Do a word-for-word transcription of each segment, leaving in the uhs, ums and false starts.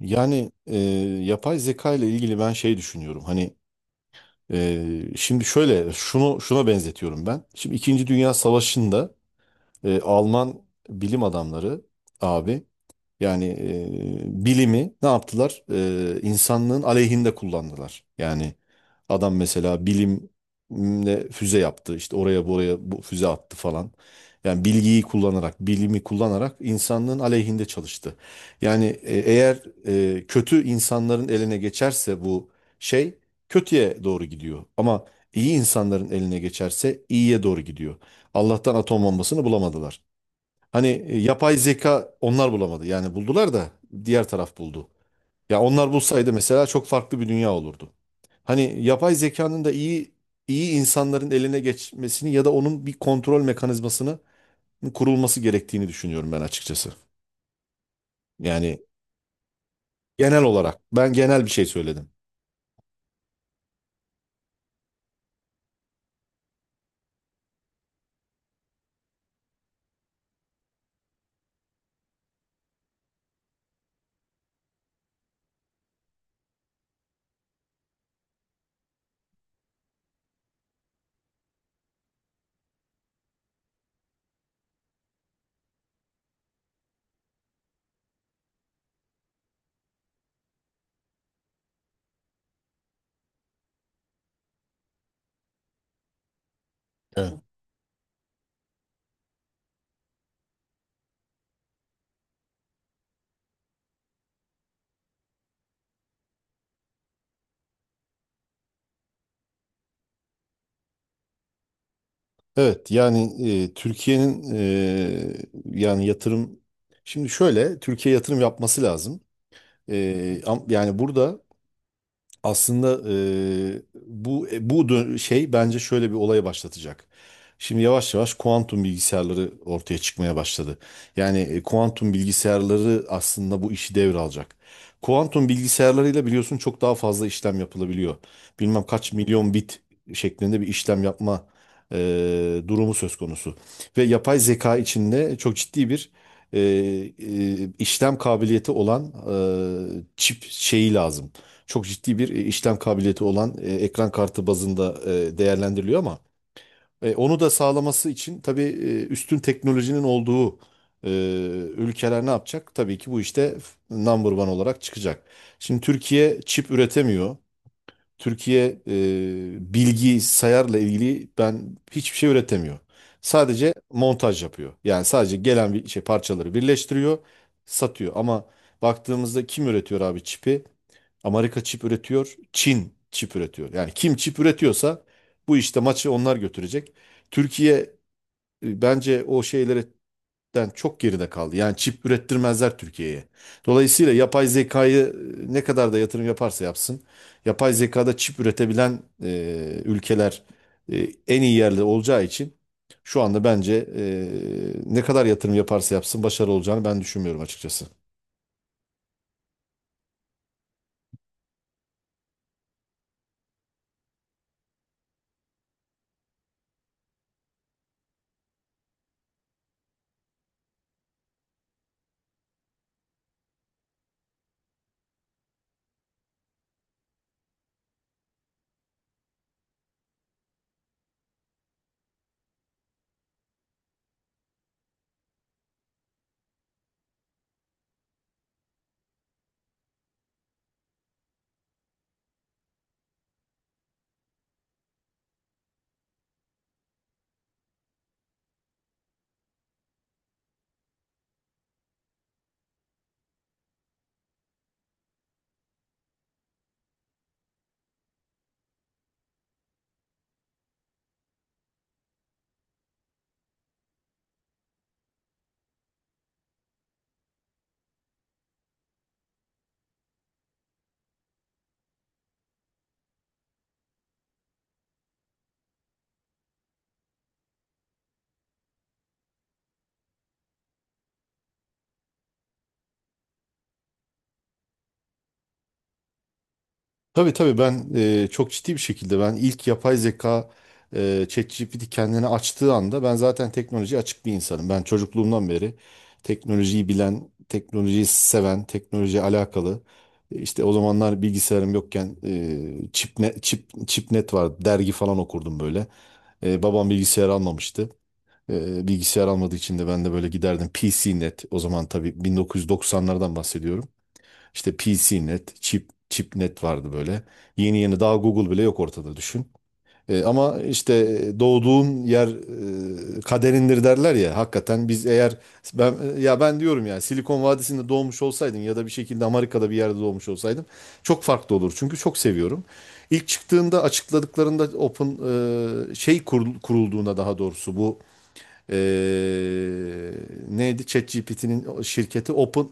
Yani e, yapay zeka ile ilgili ben şey düşünüyorum. Hani e, şimdi şöyle şunu şuna benzetiyorum ben. Şimdi İkinci Dünya Savaşı'nda e, Alman bilim adamları abi yani e, bilimi ne yaptılar? E, insanlığın aleyhinde kullandılar. Yani adam mesela bilimle füze yaptı. İşte oraya buraya bu füze attı falan. Yani bilgiyi kullanarak, bilimi kullanarak insanlığın aleyhinde çalıştı. Yani e, eğer e, kötü insanların eline geçerse bu şey kötüye doğru gidiyor. Ama iyi insanların eline geçerse iyiye doğru gidiyor. Allah'tan atom bombasını bulamadılar. Hani e, yapay zeka onlar bulamadı. Yani buldular da diğer taraf buldu. Ya onlar bulsaydı mesela çok farklı bir dünya olurdu. Hani yapay zekanın da iyi iyi insanların eline geçmesini ya da onun bir kontrol mekanizmasının kurulması gerektiğini düşünüyorum ben açıkçası. Yani genel olarak ben genel bir şey söyledim. Evet. Evet yani e, Türkiye'nin e, yani yatırım şimdi şöyle Türkiye yatırım yapması lazım. E, am- yani burada aslında e, bu e, bu dö- şey bence şöyle bir olaya başlatacak. Şimdi yavaş yavaş kuantum bilgisayarları ortaya çıkmaya başladı. Yani e, kuantum bilgisayarları aslında bu işi devralacak. Kuantum bilgisayarlarıyla biliyorsun çok daha fazla işlem yapılabiliyor. Bilmem kaç milyon bit şeklinde bir işlem yapma e, durumu söz konusu. Ve yapay zeka içinde çok ciddi bir e, e, işlem kabiliyeti olan e, çip şeyi lazım, çok ciddi bir e, işlem kabiliyeti olan e, ekran kartı bazında e, değerlendiriliyor ama e, onu da sağlaması için tabii e, üstün teknolojinin olduğu e, ülkeler ne yapacak? Tabii ki bu işte number one olarak çıkacak. Şimdi Türkiye çip üretemiyor. Türkiye e, bilgi sayarla ilgili ben hiçbir şey üretemiyor. Sadece montaj yapıyor. Yani sadece gelen bir şey parçaları birleştiriyor, satıyor. Ama baktığımızda kim üretiyor abi çipi? Amerika çip üretiyor, Çin çip üretiyor. Yani kim çip üretiyorsa bu işte maçı onlar götürecek. Türkiye e, bence o şeylerden çok geride kaldı. Yani çip ürettirmezler Türkiye'ye. Dolayısıyla yapay zekayı e, ne kadar da yatırım yaparsa yapsın, yapay zekada çip üretebilen e, ülkeler e, en iyi yerde olacağı için şu anda bence e, ne kadar yatırım yaparsa yapsın başarılı olacağını ben düşünmüyorum açıkçası. Tabii tabii, ben e, çok ciddi bir şekilde ben ilk yapay zeka e, ChatGPT kendini açtığı anda, ben zaten teknolojiye açık bir insanım. Ben çocukluğumdan beri teknolojiyi bilen, teknolojiyi seven, teknolojiye alakalı. E, İşte o zamanlar bilgisayarım yokken e, Çipne, Çip, Çipnet vardı. Dergi falan okurdum böyle. E, babam bilgisayar almamıştı. E, bilgisayar almadığı için de ben de böyle giderdim PCnet, o zaman tabii bin dokuz yüz doksanlardan bahsediyorum. İşte P C net, Chip, ChipNet vardı böyle. Yeni yeni, daha Google bile yok ortada, düşün. E, ama işte doğduğun yer e, kaderindir derler ya. Hakikaten biz eğer ben e, ya ben diyorum ya Silikon Vadisi'nde doğmuş olsaydım ya da bir şekilde Amerika'da bir yerde doğmuş olsaydım çok farklı olur. Çünkü çok seviyorum. İlk çıktığında, açıkladıklarında Open e, şey kurul- kurulduğunda, daha doğrusu, bu e, neydi? ChatGPT'nin şirketi Open.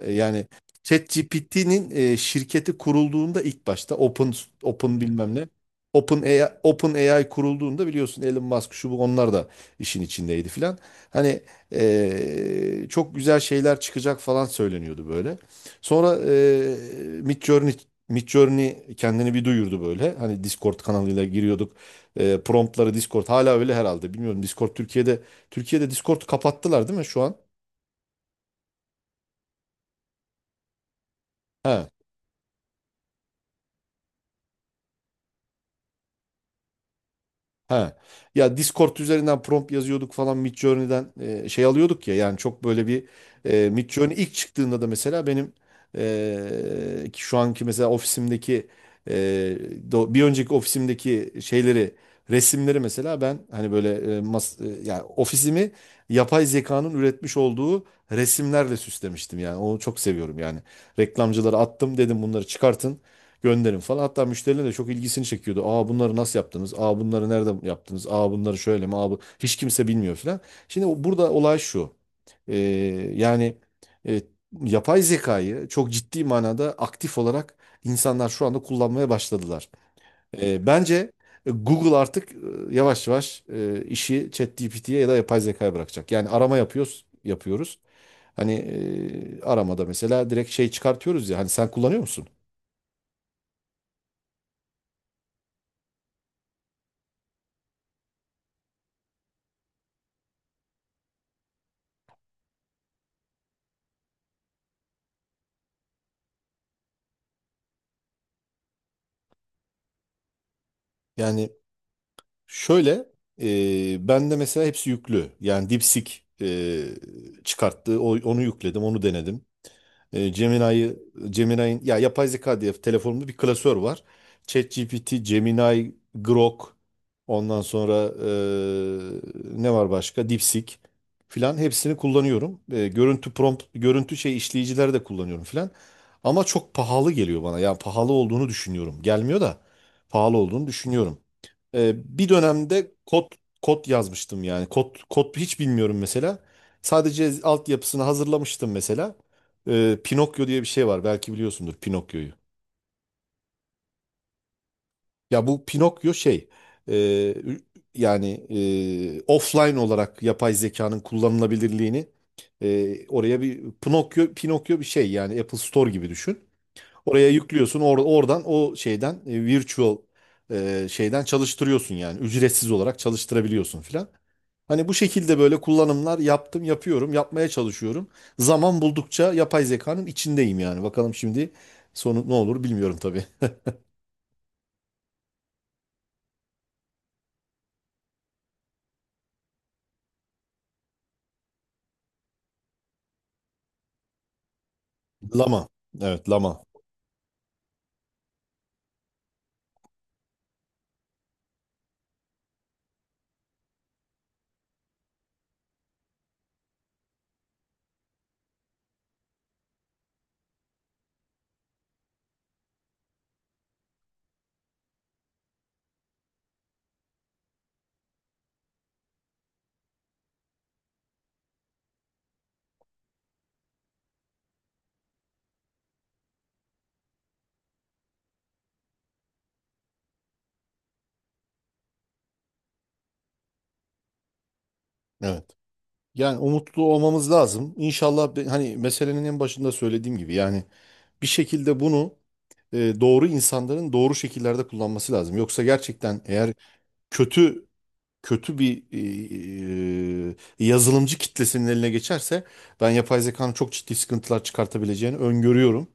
E, Yani ChatGPT'nin e, şirketi kurulduğunda ilk başta Open, Open bilmem ne, Open A I, Open A I kurulduğunda, biliyorsun Elon Musk şu bu onlar da işin içindeydi filan. Hani e, çok güzel şeyler çıkacak falan söyleniyordu böyle. Sonra e, Midjourney Midjourney kendini bir duyurdu böyle. Hani Discord kanalıyla giriyorduk. E, promptları Discord hala öyle herhalde. Bilmiyorum, Discord Türkiye'de Türkiye'de Discord kapattılar değil mi şu an? He. Ha. Ya Discord üzerinden prompt yazıyorduk falan, Midjourney'den e, şey alıyorduk ya, yani çok böyle bir e, Midjourney ilk çıktığında da mesela benim e, ki şu anki mesela ofisimdeki e, do- bir önceki ofisimdeki şeyleri, resimleri mesela ben hani böyle e, mas, e, yani ofisimi yapay zekanın üretmiş olduğu resimlerle süslemiştim, yani onu çok seviyorum yani. Reklamcılara attım, dedim bunları çıkartın gönderin falan. Hatta müşteriler de çok ilgisini çekiyordu. Aa, bunları nasıl yaptınız? Aa, bunları nerede yaptınız? Aa, bunları şöyle mi? Aa, bu... Hiç kimse bilmiyor falan. Şimdi o- burada olay şu. Ee, Yani e, yapay zekayı çok ciddi manada aktif olarak insanlar şu anda kullanmaya başladılar. Ee, bence e, Google artık e, yavaş yavaş e, işi ChatGPT'ye ya da yapay zekaya bırakacak. Yani arama yapıyoruz, yapıyoruz. Hani e, aramada mesela direkt şey çıkartıyoruz ya. Hani sen kullanıyor musun? Yani şöyle, e, ben de mesela hepsi yüklü. Yani DeepSeek e, çıkarttı. O, onu yükledim, onu denedim. E, Gemini'yi, Gemini'nin, ya yapay zeka diye telefonumda bir klasör var. ChatGPT, Gemini, Grok, ondan sonra e, ne var başka? DeepSeek filan, hepsini kullanıyorum. E, görüntü prompt, görüntü şey işleyicileri de kullanıyorum filan. Ama çok pahalı geliyor bana. Yani pahalı olduğunu düşünüyorum. Gelmiyor da pahalı olduğunu düşünüyorum. Ee, bir dönemde kod kod yazmıştım yani. Kod kod hiç bilmiyorum mesela. Sadece altyapısını hazırlamıştım mesela. Ee, Pinokyo diye bir şey var. Belki biliyorsundur Pinokyo'yu. Ya bu Pinokyo şey, e, yani e, offline olarak yapay zekanın kullanılabilirliğini e, oraya bir Pinokyo Pinokyo bir şey, yani Apple Store gibi düşün. Oraya yüklüyorsun, or- oradan o şeyden e, virtual e, şeyden çalıştırıyorsun, yani ücretsiz olarak çalıştırabiliyorsun filan. Hani bu şekilde böyle kullanımlar yaptım, yapıyorum, yapmaya çalışıyorum. Zaman buldukça yapay zekanın içindeyim yani. Bakalım şimdi sonu ne olur, bilmiyorum tabii. Lama. Evet, lama. Evet. Yani umutlu olmamız lazım. İnşallah, be- hani meselenin en başında söylediğim gibi, yani bir şekilde bunu e, doğru insanların doğru şekillerde kullanması lazım. Yoksa gerçekten, eğer kötü, kötü bir e, e, yazılımcı kitlesinin eline geçerse, ben yapay zekanın çok ciddi sıkıntılar çıkartabileceğini öngörüyorum.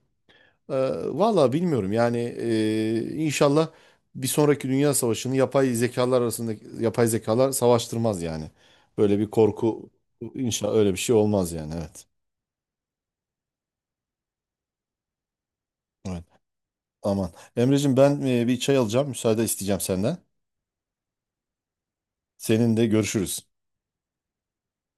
Ee, Valla bilmiyorum yani, e, inşallah bir sonraki dünya savaşını yapay zekalar arasında yapay zekalar savaştırmaz yani. Böyle bir korku, inşallah öyle bir şey olmaz yani, evet. Evet. Aman. Emreciğim, ben e, bir çay alacağım, müsaade isteyeceğim senden. Seninle görüşürüz.